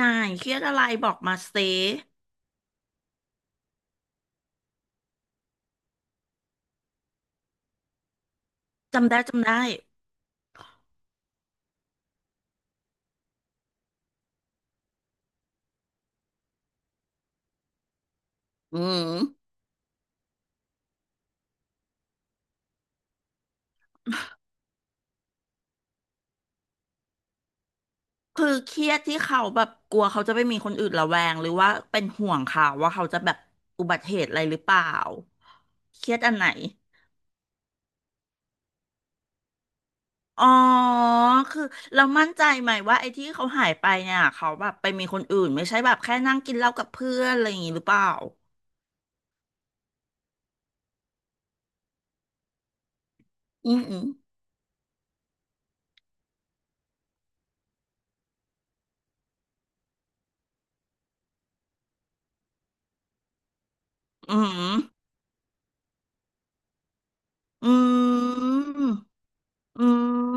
นายเครียดอะไรบอกมาสิจำได้จำได้อืมคือเครียดที่เขาแบบกลัวเขาจะไปมีคนอื่นระแวงหรือว่าเป็นห่วงเขาว่าเขาจะแบบอุบัติเหตุอะไรหรือเปล่าเครียดอันไหนอ๋อคือเรามั่นใจไหมว่าไอ้ที่เขาหายไปเนี่ยเขาแบบไปมีคนอื่นไม่ใช่แบบแค่นั่งกินเหล้ากับเพื่อนอะไรอย่างงี้หรือเปล่าอืมอืมอืมอืมอื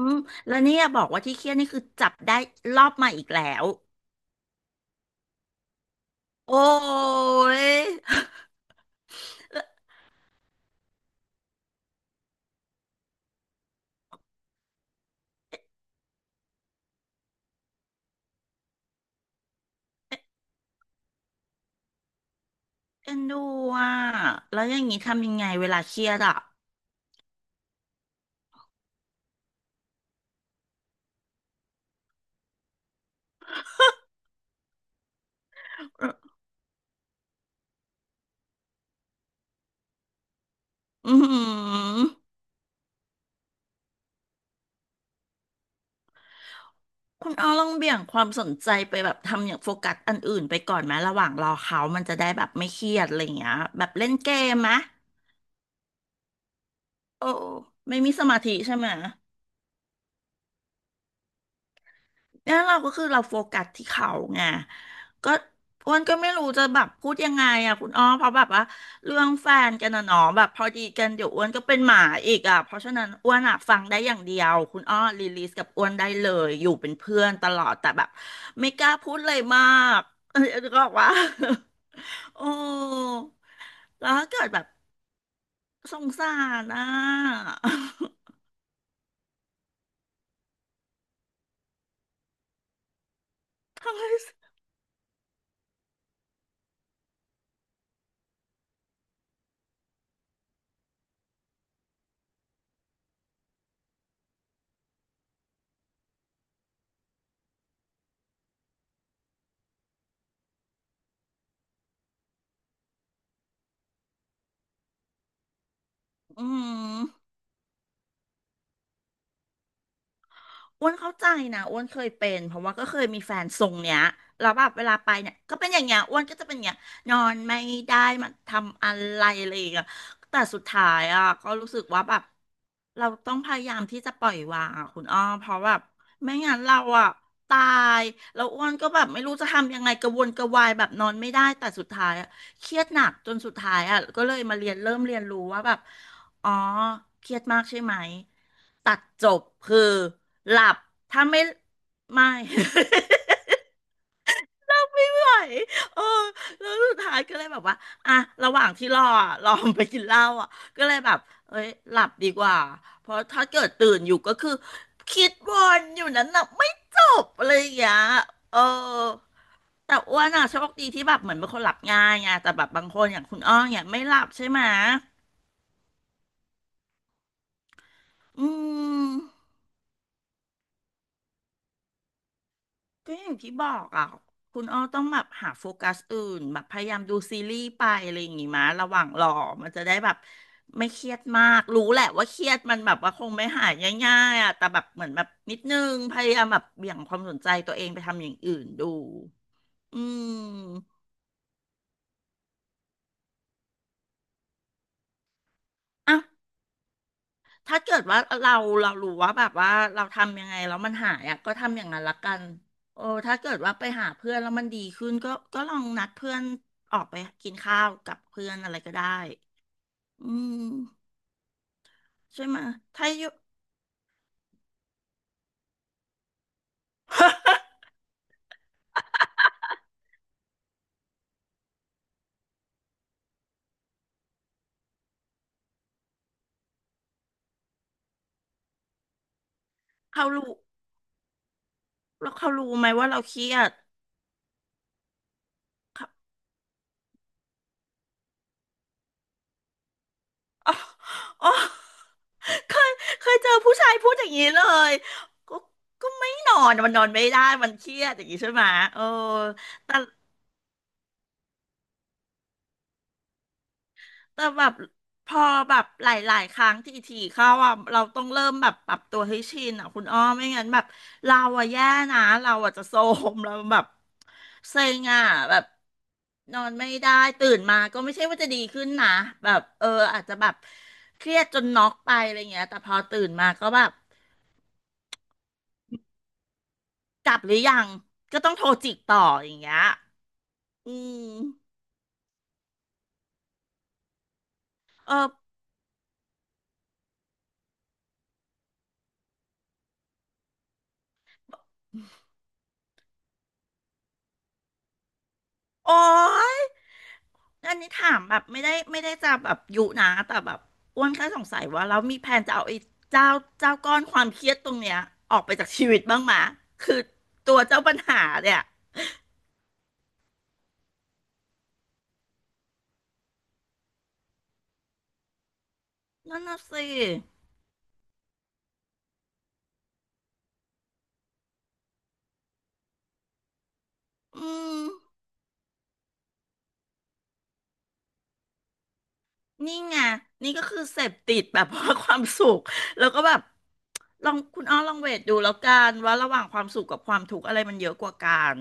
มแล้วเนี่ยบอกว่าที่เครียดนี่คือจับได้รอบใหม่อีกแล้ว โอ้ยแล้วเอ็นดูอ่ะแล้วอย่างนี้ทำยังไงเวลาเครียดอ่ะอืมคุณอ้อลองเบี่ยงความสนใจไปแบบทำอย่างโฟกัสอันอื่นไปก่อนไหมระหว่างรอเขามันจะได้แบบไม่เครียดอะไรอย่างเงี้ยแบบเล่นเกมไหมโอ้ไม่มีสมาธิใช่ไหม เนี่ยเราก็คือเราโฟกัสที่เขาไงก็อ้วนก็ไม่รู้จะแบบพูดยังไงอ่ะคุณอ้อเพราะแบบว่าเรื่องแฟนกันนะเนาะแบบพอดีกันเดี๋ยวอ้วนก็เป็นหมาอีกอ่ะเพราะฉะนั้นอ้วนอ่ะฟังได้อย่างเดียวคุณอ้อรีลีสกับอ้วนได้เลยอยู่เป็นเพื่อนตลอดแต่แบบไม่กล้าพูดเลยมากเออก็บอกว่า โอ้แล้วถ้าเกิดแบบสงสารอ่ะ ทำไมอืม อ้วนเข้าใจนะอ้วนเคยเป็นเพราะว่าก็เคยมีแฟนทรงเนี้ยแล้วแบบเวลาไปเนี่ยก็เป็นอย่างเงี้ยอ้วนก็จะเป็นอย่างเงี้ยนอนไม่ได้มันทำอะไรอะไรอย่างเงี้ยแต่สุดท้ายอ่ะก็รู้สึกว่าแบบเราต้องพยายามที่จะปล่อยวางอ่ะคุณอ้อมเพราะแบบไม่งั้นเราอ่ะตายแล้วอ้วนก็แบบไม่รู้จะทำยังไงกระวนกระวายแบบนอนไม่ได้แต่สุดท้ายอ่ะเครียดหนักจนสุดท้ายอ่ะก็เลยมาเรียนเริ่มเรียนรู้ว่าแบบ อ๋อเครียดมากใช่ไหมตัดจบคือหลับถ้าไม่ไม่ ไม่ไหวเออแล้วสุดท้ายก็เลยแบบว่าอ่ะระหว่างที่รออ่ะรอมันไปกินเหล้าอ่ะก็เลยแบบเอ้ยหลับดีกว่าเพราะถ้าเกิดตื่นอยู่ก็คือคิดวนอยู่นั้นน่ะไม่จบอะไรอย่างเงี้ยเออแต่อ้วนอ่ะโชคดีที่แบบเหมือนเป็นคนหลับง่ายไงแต่แบบบางคนอย่างคุณอ้อเนี่ยไม่หลับใช่ไหมอืม ก็อย่างที่บอกอ่ะคุณอ้อต้องแบบหาโฟกัสอื่นแบบพยายามดูซีรีส์ไปอะไรอย่างงี้มาระหว่างรอมันจะได้แบบไม่เครียดมากรู้แหละว่าเครียดมันแบบว่าคงไม่หายง่ายๆอ่ะแต่แบบเหมือนแบบนิดนึงพยายามแบบเบี่ยงความสนใจตัวเองไปทำอย่างอื่นดูอืมอ่ะ ถ้าเกิดว่าเราเรารู้ว่าแบบว่าเราทำยังไงแล้วมันหายอ่ะก็ทำอย่างนั้นละกันโอ้ถ้าเกิดว่าไปหาเพื่อนแล้วมันดีขึ้นก็ลองนัดเพื่อนออกไปกินข้าวกับเพื่อนอะไรก็ได้อืมใช่ไหมยถ้าอยู่ เขารู้แล้วเขารู้ไหมว่าเราเครียด เขาอ๋ออ๋อเคยเคยเจอผู้ชายพูดอย่างนี้เลยก็ก็ไม่นอนมันนอนไม่ได้มันเครียดอย่างนี้ใช่ไหมยเออแต่ แบบพอแบบหลายๆครั้งที่ทีเข้าอ่ะเราต้องเริ่มแบบปรับตัวให้ชินอ่ะคุณอ้อไม่งั้นแบบเราอ่ะแย่นะเราอ่ะจะโทรมเราแบบเซ็งอ่ะแบบนอนไม่ได้ตื่นมาก็ไม่ใช่ว่าจะดีขึ้นนะแบบเอออาจจะแบบเครียดจนน็อกไปอะไรเงี้ยแต่พอตื่นมาก็แบบกลับหรือยังก็ต้องโทรจิกต่ออย่างเงี้ยอืมเออโอ๊ย อันนี้ถามแบบไม่ได้ไม่ได้จะแบบยุนะแต่แบบอ้วนแค่สงสัยว่าแล้วมีแผนจะเอาไอ้เจ้าเจ้าก้อนความเครียดตรงเนี้ยออกไปจากชีวิตบ้างไหมะคือตัวเจ้าปัญหาเนี่ยนั่นน่ะสิอืมนี่ไงนี่ก็คือเสพติดแบบว่าความสุขแล้วก็แบบลองคุณอ้อลองเวทดูแล้วกันว่าระหว่างความสุขกับความทุกข์อะไรมันเยอะกว่ากัน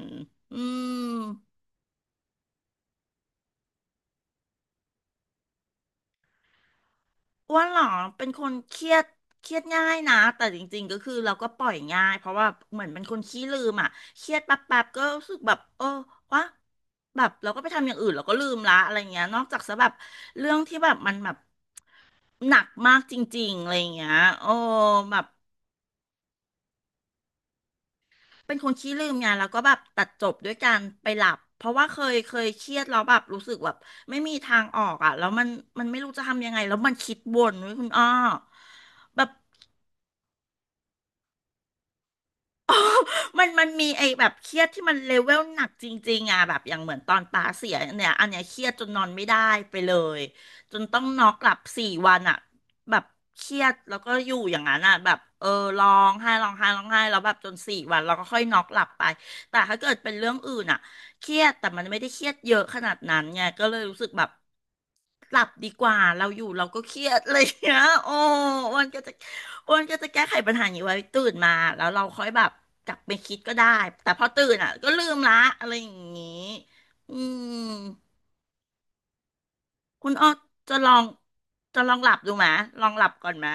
อืม อ้วนเหรอเป็นคนเครียดเครียดง่ายนะแต่จริงๆก็คือเราก็ปล่อยง่ายเพราะว่าเหมือนเป็นคนขี้ลืมอ่ะเครียดแป๊บๆก็รู้สึกแบบเออวะแบบเราก็ไปทำอย่างอื่นเราก็ลืมละอะไรเงี้ยนอกจากซะแบบเรื่องที่แบบมันแบบหนักมากจริงๆอะไรเงี้ยโอ้แบบเป็นคนขี้ลืมไงแล้วก็แบบตัดจบด้วยการไปหลับเพราะว่าเคยเครียดแล้วแบบรู้สึกแบบไม่มีทางออกอ่ะแล้วมันไม่รู้จะทำยังไงแล้วมันคิดวนเว้ยคุณอ้อแบบ มันมีไอ้แบบเครียดที่มันเลเวลหนักจริงๆอ่ะแบบอย่างเหมือนตอนตาเสียเนี่ยอันเนี้ยเครียดจนนอนไม่ได้ไปเลยจนต้องนอกหลับสี่วันอ่ะแบบเครียดแล้วก็อยู่อย่างนั้นอ่ะแบบเออร้องไห้ร้องไห้ร้องไห้แล้วแบบจนสี่วันเราก็ค่อยน็อกหลับไปแต่ถ้าเกิดเป็นเรื่องอื่นอ่ะเครียดแต่มันไม่ได้เครียดเยอะขนาดนั้นไงก็เลยรู้สึกแบบหลับดีกว่าเราอยู่เราก็เครียดอะไรอย่างเงี้ยโอ้มันก็จะ อ้วนก็จะแก้ไขปัญหานี้ไว้ตื่นมาแล้วเราค่อยแบบกลับไปคิดก็ได้แต่พอตื่นอ่ะก็ลืมละอะไรอย่างงี้อืมคุณอ้อจะลองจะลองหลับดูไหมลองหลับก่อนไหม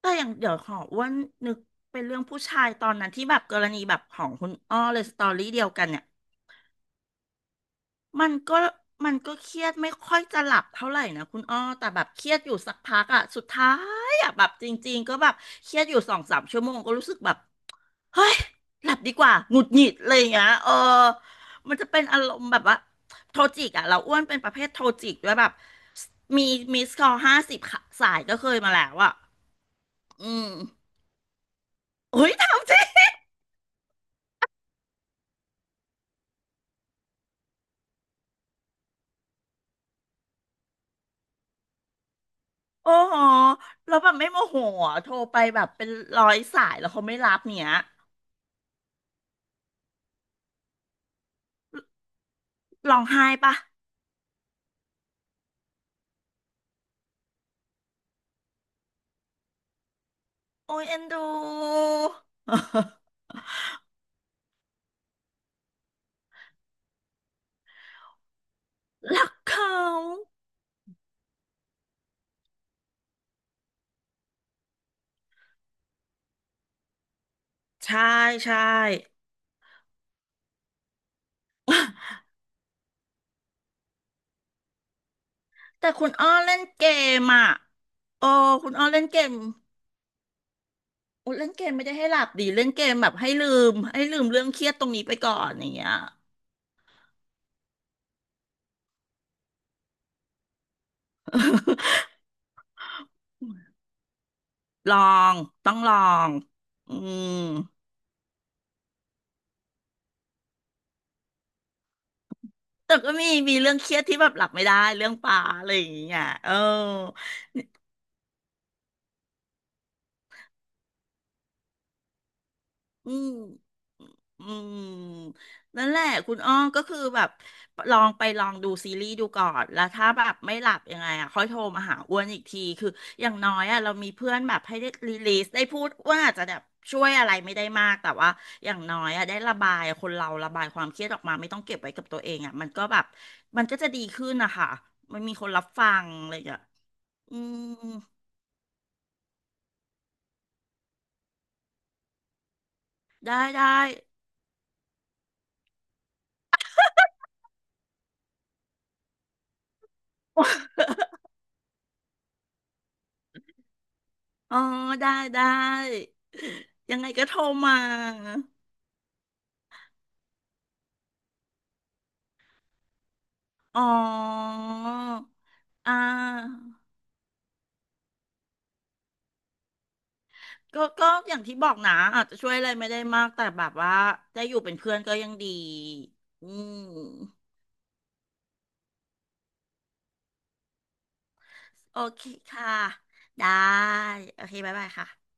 แต่ อย่างเดี๋ยวขออ้วนนึกเป็นเรื่องผู้ชายตอนนั้นที่แบบกรณีแบบของคุณอ้อเลยสตอรี่เดียวกันเนี่ยมันก็มันก็เครียดไม่ค่อยจะหลับเท่าไหร่นะคุณอ้อแต่แบบเครียดอยู่สักพักอ่ะสุดท้ายอ่ะแบบจริงๆก็แบบเครียดอยู่2-3 ชั่วโมงก็รู้สึกแบบ เฮ้ยหลับดีกว่าหงุดหงิดอะไรอย่างเงี้ยเออมันจะเป็นอารมณ์แบบว่าโทจิกอะเราอ้วนเป็นประเภทโทจิกด้วยแบบมีมิสคอล50 สายก็เคยมาแล้วอะอืมโอ้ยทำจริงโอ้โหแล้วแบบไม่โมโหอะโทรไปแบบเป็น100 สายแล้วเขาไม่รับเนี้ยร้องไห้ปะโอ้ยเอ็นดู รักเขาใช่ใช่แต่คุณอ้อเล่นเกมอ่ะโอ้คุณอ้อเล่นเกม โอ้เล่นเกมไม่ได้ให้หลับดีเล่นเกมแบบให้ลืมเรื่องเครียดตรงนี้ไปก่อนอย่างเงี้ย ลองต้องลองอืมแต่ก็มีมีเรื่องเครียดที่แบบหลับไม่ได้เรื่องปลาอะไรอย่างเงี้ยเออ อืมอืมนั่นแหละคุณอ้อก็คือแบบลองไปลองดูซีรีส์ดูก่อนแล้วถ้าแบบไม่หลับยังไงอ่ะค่อยโทรมาหาอ้วนอีกทีคืออย่างน้อยอ่ะเรามีเพื่อนแบบให้ได้รีลีสได้พูดว่าอาจจะแบบช่วยอะไรไม่ได้มากแต่ว่าอย่างน้อยอ่ะได้ระบายคนเราระบายความเครียดออกมาไม่ต้องเก็บไว้กับตัวเองอ่ะมันก็แบบมันก็จะดีขึ้นนะคะมันมีคนรับฟังอะไรอย่างเงี้ยอืมได้ได้ อ๋อได้ได้ยังไงก็โทรมาอ๋ออ่าก็ก็อย่างที่บอกนะอาจจะช่วยอะไรไม่ได้มากแต่แบบว่าได้อยู่เป็นเพื่อนก็ยังดีอืมโอเคค่ะได้โอเคบ๊ายบายค่ะ